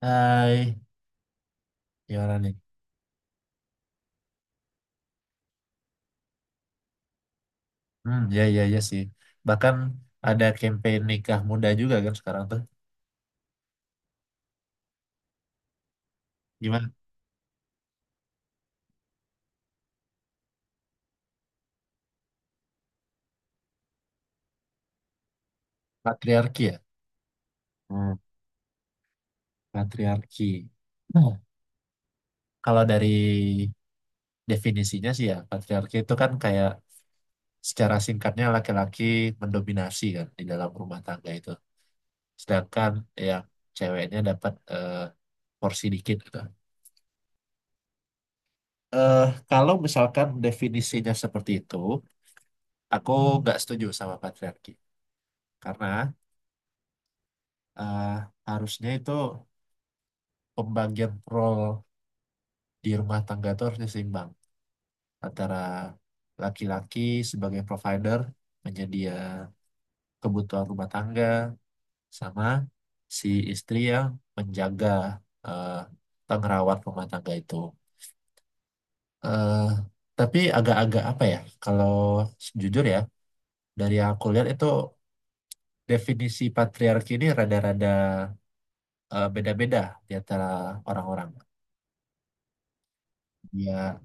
Hai, gimana nih? Hmm, ya, ya, ya sih. Bahkan ada campaign nikah muda juga kan sekarang tuh. Gimana? Patriarki ya? Hmm, patriarki. Nah, kalau dari definisinya sih ya, patriarki itu kan kayak secara singkatnya laki-laki mendominasi kan di dalam rumah tangga itu. Sedangkan yang ceweknya dapat porsi dikit gitu. Eh, Kalau misalkan definisinya seperti itu, aku nggak setuju sama patriarki. Karena eh, harusnya itu pembagian role di rumah tangga itu harus seimbang antara laki-laki sebagai provider menyedia kebutuhan rumah tangga sama si istri yang menjaga eh, atau ngerawat rumah tangga itu. eh tapi agak-agak apa ya? Kalau jujur ya, dari yang aku lihat itu definisi patriarki ini rada-rada beda-beda di antara orang-orang. Ya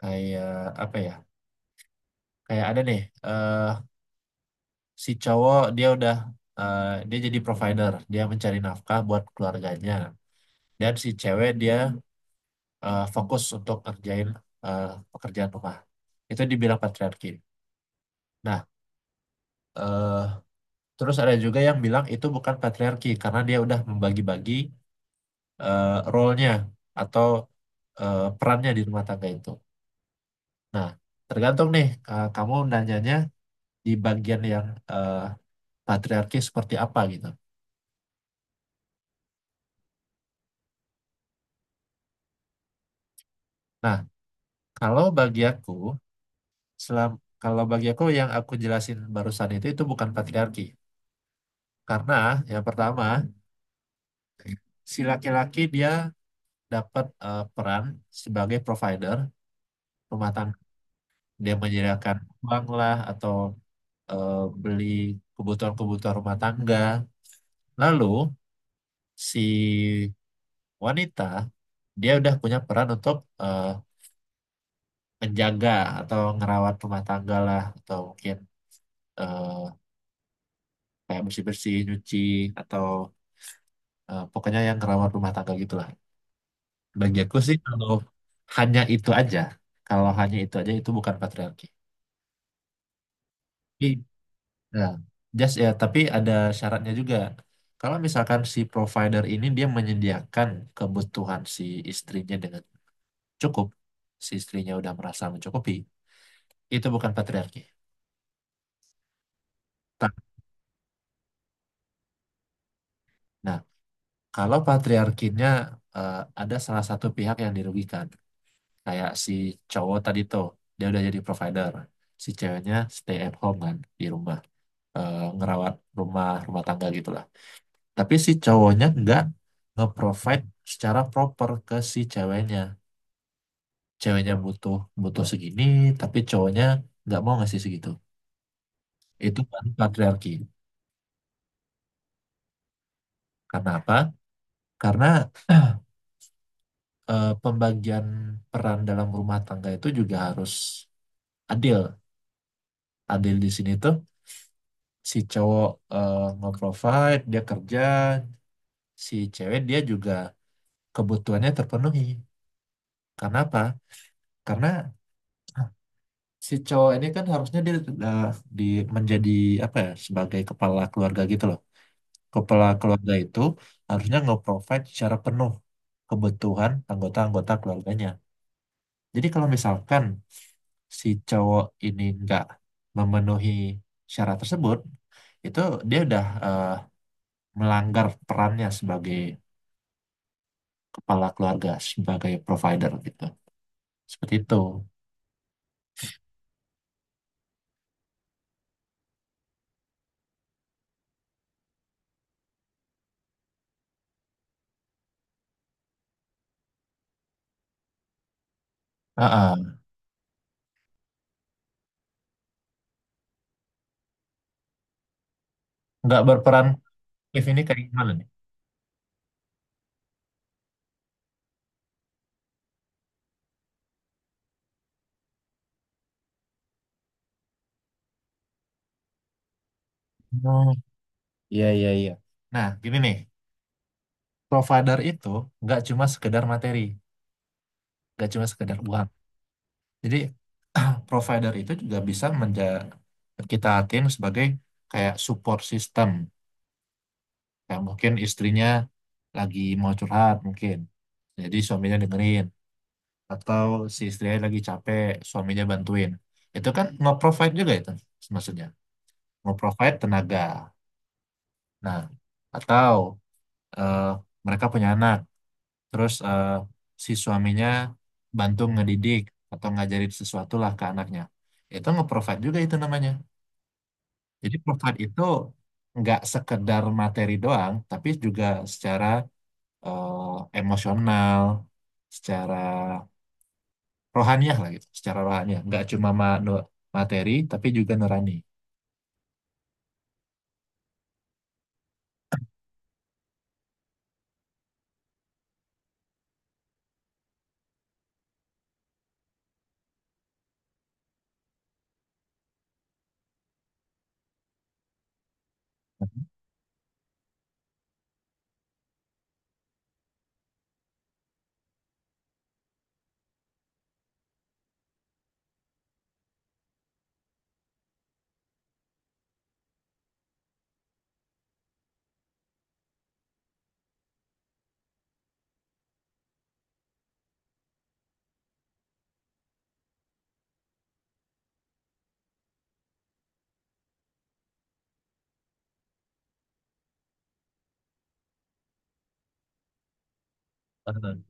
kayak apa ya? Kayak ada nih, eh si cowok dia udah eh, dia jadi provider, dia mencari nafkah buat keluarganya. Dan si cewek dia fokus untuk ngerjain eh, pekerjaan rumah. Itu dibilang patriarki. Nah, eh terus ada juga yang bilang itu bukan patriarki karena dia udah membagi-bagi role-nya atau perannya di rumah tangga itu. Nah, tergantung nih kamu nanyanya di bagian yang eh, patriarki seperti apa gitu. Nah, kalau bagi aku, selam, kalau bagi aku yang aku jelasin barusan itu bukan patriarki. Karena yang pertama, si laki-laki dia dapat peran sebagai provider rumah tangga. Dia menyediakan uang lah atau eh, beli kebutuhan-kebutuhan rumah tangga. Lalu si wanita dia udah punya peran untuk eh, menjaga atau ngerawat rumah tangga lah atau mungkin eh, kayak bersih-bersih, nyuci atau pokoknya yang ngerawat rumah tangga gitulah. Bagi aku sih kalau hanya itu aja, kalau hanya itu aja itu bukan patriarki. Tapi, ya, tapi ada syaratnya juga. Kalau misalkan si provider ini dia menyediakan kebutuhan si istrinya dengan cukup, si istrinya udah merasa mencukupi, itu bukan patriarki. Ta- Nah, kalau patriarkinya eh, ada salah satu pihak yang dirugikan, kayak si cowok tadi tuh, dia udah jadi provider. Si ceweknya stay at home kan, di rumah. Ngerawat rumah rumah tangga gitu lah. Tapi si cowoknya nggak nge-provide secara proper ke si ceweknya. Ceweknya butuh butuh segini, tapi cowoknya nggak mau ngasih segitu. Itu kan patriarki. Karena apa? Karena pembagian peran dalam rumah tangga itu juga harus adil. Adil di sini tuh si cowok nge-provide, dia kerja, si cewek dia juga kebutuhannya terpenuhi. Karena apa? Karena si cowok ini kan harusnya dia eh, di menjadi apa ya sebagai kepala keluarga gitu loh. Kepala keluarga itu harusnya nge-provide secara penuh kebutuhan anggota-anggota keluarganya. Jadi kalau misalkan si cowok ini nggak memenuhi syarat tersebut, itu dia udah eh, melanggar perannya sebagai kepala keluarga sebagai provider gitu. Seperti itu. Heeh. Nggak berperan aktif ini kayak gimana nih? Oh, iya, iya, iya. Nah, gini nih, provider itu nggak cuma sekedar materi, nggak cuma sekedar uang. Jadi, provider itu juga bisa kita hatiin sebagai kayak support system. Kayak mungkin istrinya lagi mau curhat mungkin. Jadi suaminya dengerin. Atau si istrinya lagi capek suaminya bantuin itu kan nge-provide juga itu maksudnya nge-provide tenaga. Nah, atau eh, mereka punya anak terus si suaminya bantu ngedidik atau ngajarin sesuatu lah ke anaknya, itu nge-provide juga itu namanya. Jadi provide itu nggak sekedar materi doang tapi juga secara emosional, secara rohaniah lah gitu, secara rohaniah. Nggak cuma materi, tapi juga nurani. Paham.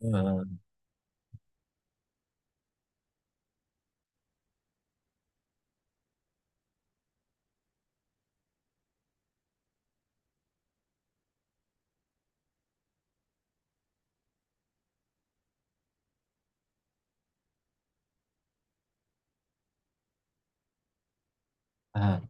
Hmm. Ah,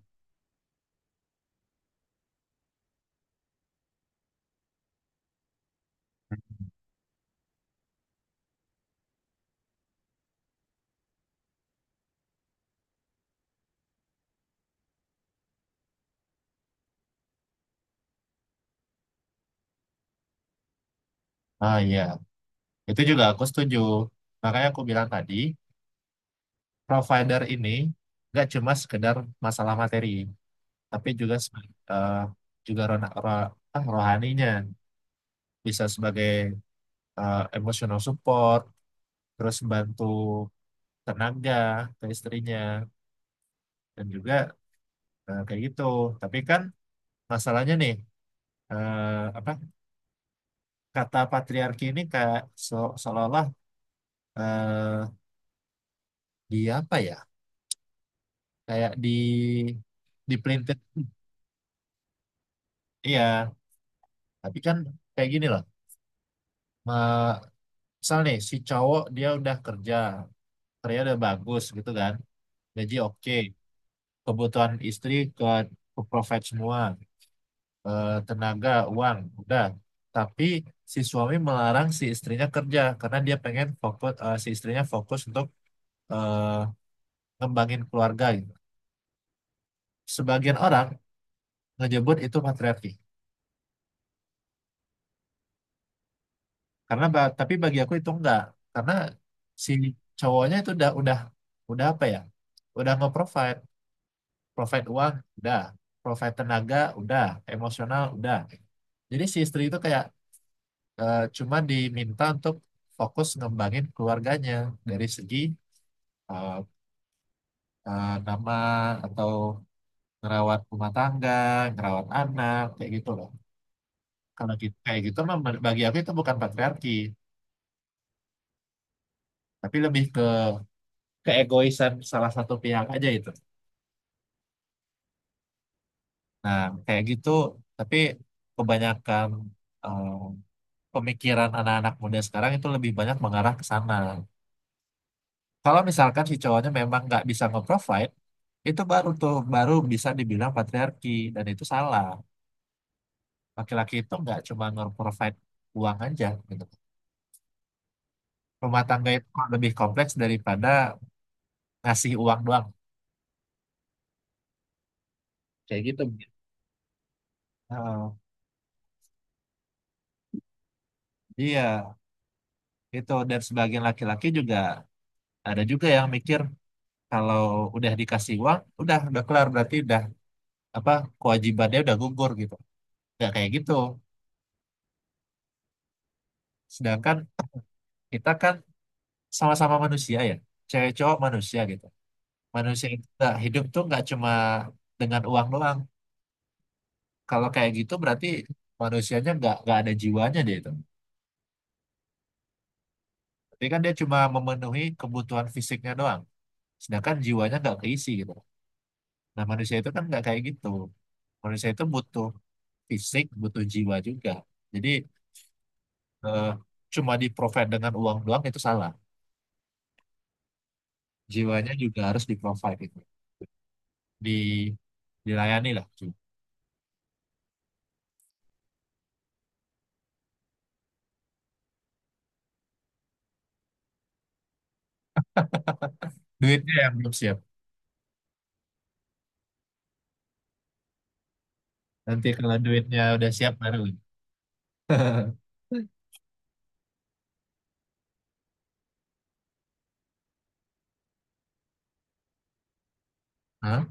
ah iya, itu juga aku setuju. Makanya aku bilang tadi, provider ini nggak cuma sekedar masalah materi, tapi juga eh, juga rohaninya bisa sebagai emotional support, terus bantu tenaga ke istrinya dan juga kayak gitu. Tapi kan masalahnya nih, apa? Kata patriarki ini kayak seolah-olah eh, di apa ya kayak di iya tapi kan kayak gini loh. Ma- Misal nih si cowok dia udah kerja, kerja udah bagus gitu kan, gaji oke, kebutuhan istri ke provide semua. Tenaga uang udah, tapi si suami melarang si istrinya kerja karena dia pengen fokus, si istrinya fokus untuk eh, ngembangin keluarga gitu. Sebagian orang ngejebur itu patriarki. Tapi bagi aku itu enggak, karena si cowoknya itu udah apa ya, udah nge-provide, provide uang udah, provide tenaga udah, emosional udah. Jadi si istri itu kayak cuma diminta untuk fokus ngembangin keluarganya dari segi eh, nama atau ngerawat rumah tangga, ngerawat anak kayak gitu loh. Kalau gitu, kayak gitu mah bagi aku itu bukan patriarki, tapi lebih ke keegoisan salah satu pihak aja itu. Nah, kayak gitu, tapi kebanyakan eh, pemikiran anak-anak muda sekarang itu lebih banyak mengarah ke sana. Kalau misalkan si cowoknya memang nggak bisa nge-provide, itu baru baru bisa dibilang patriarki dan itu salah. Laki-laki itu nggak cuma nge-provide uang aja gitu. Rumah tangga itu lebih kompleks daripada ngasih uang doang. Kayak gitu. Eh, iya, itu dan sebagian laki-laki juga ada juga yang mikir kalau udah dikasih uang udah kelar berarti udah apa kewajibannya udah gugur gitu, nggak kayak gitu. Sedangkan kita kan sama-sama manusia ya, cewek cowok manusia gitu, manusia itu nggak hidup tuh nggak cuma dengan uang doang. Kalau kayak gitu berarti manusianya nggak ada jiwanya dia itu, tapi kan dia cuma memenuhi kebutuhan fisiknya doang sedangkan jiwanya nggak keisi gitu. Nah, manusia itu kan nggak kayak gitu, manusia itu butuh fisik butuh jiwa juga. Jadi eh, cuma di provide dengan uang doang itu salah. Jiwanya juga harus di provide itu. Di Dilayani lah. Duitnya yang belum siap. Nanti kalau duitnya udah siap baru. Hah?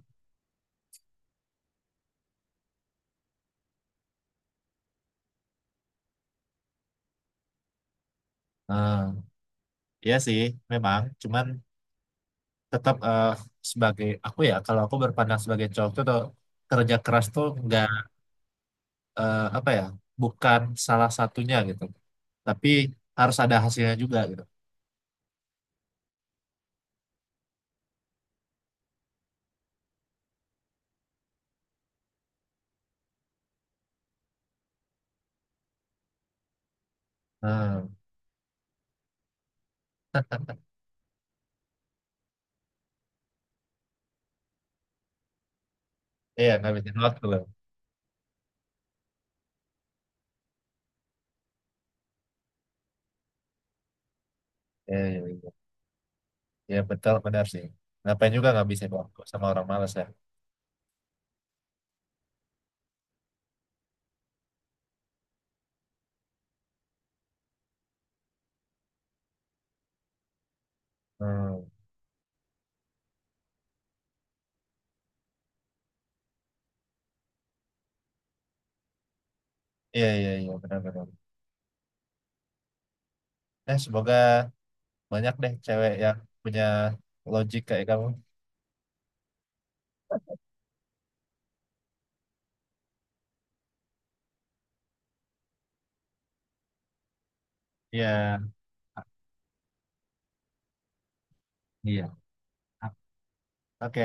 Ah, iya sih, memang. Cuman tetap sebagai aku ya, kalau aku berpandang sebagai cowok tuh tuh, kerja keras tuh nggak apa ya, bukan salah satunya gitu. Tapi harus ada hasilnya juga gitu. Hmm. Iya, ngabisin waktu loh. Iya, iya, iya. Ya betul benar sih. Ngapain juga ngabisin waktu sama orang malas ya. Hmm. Iya iya iya benar benar. Eh, semoga banyak deh cewek yang punya logik kayak kamu. Iya. Iya. Oke.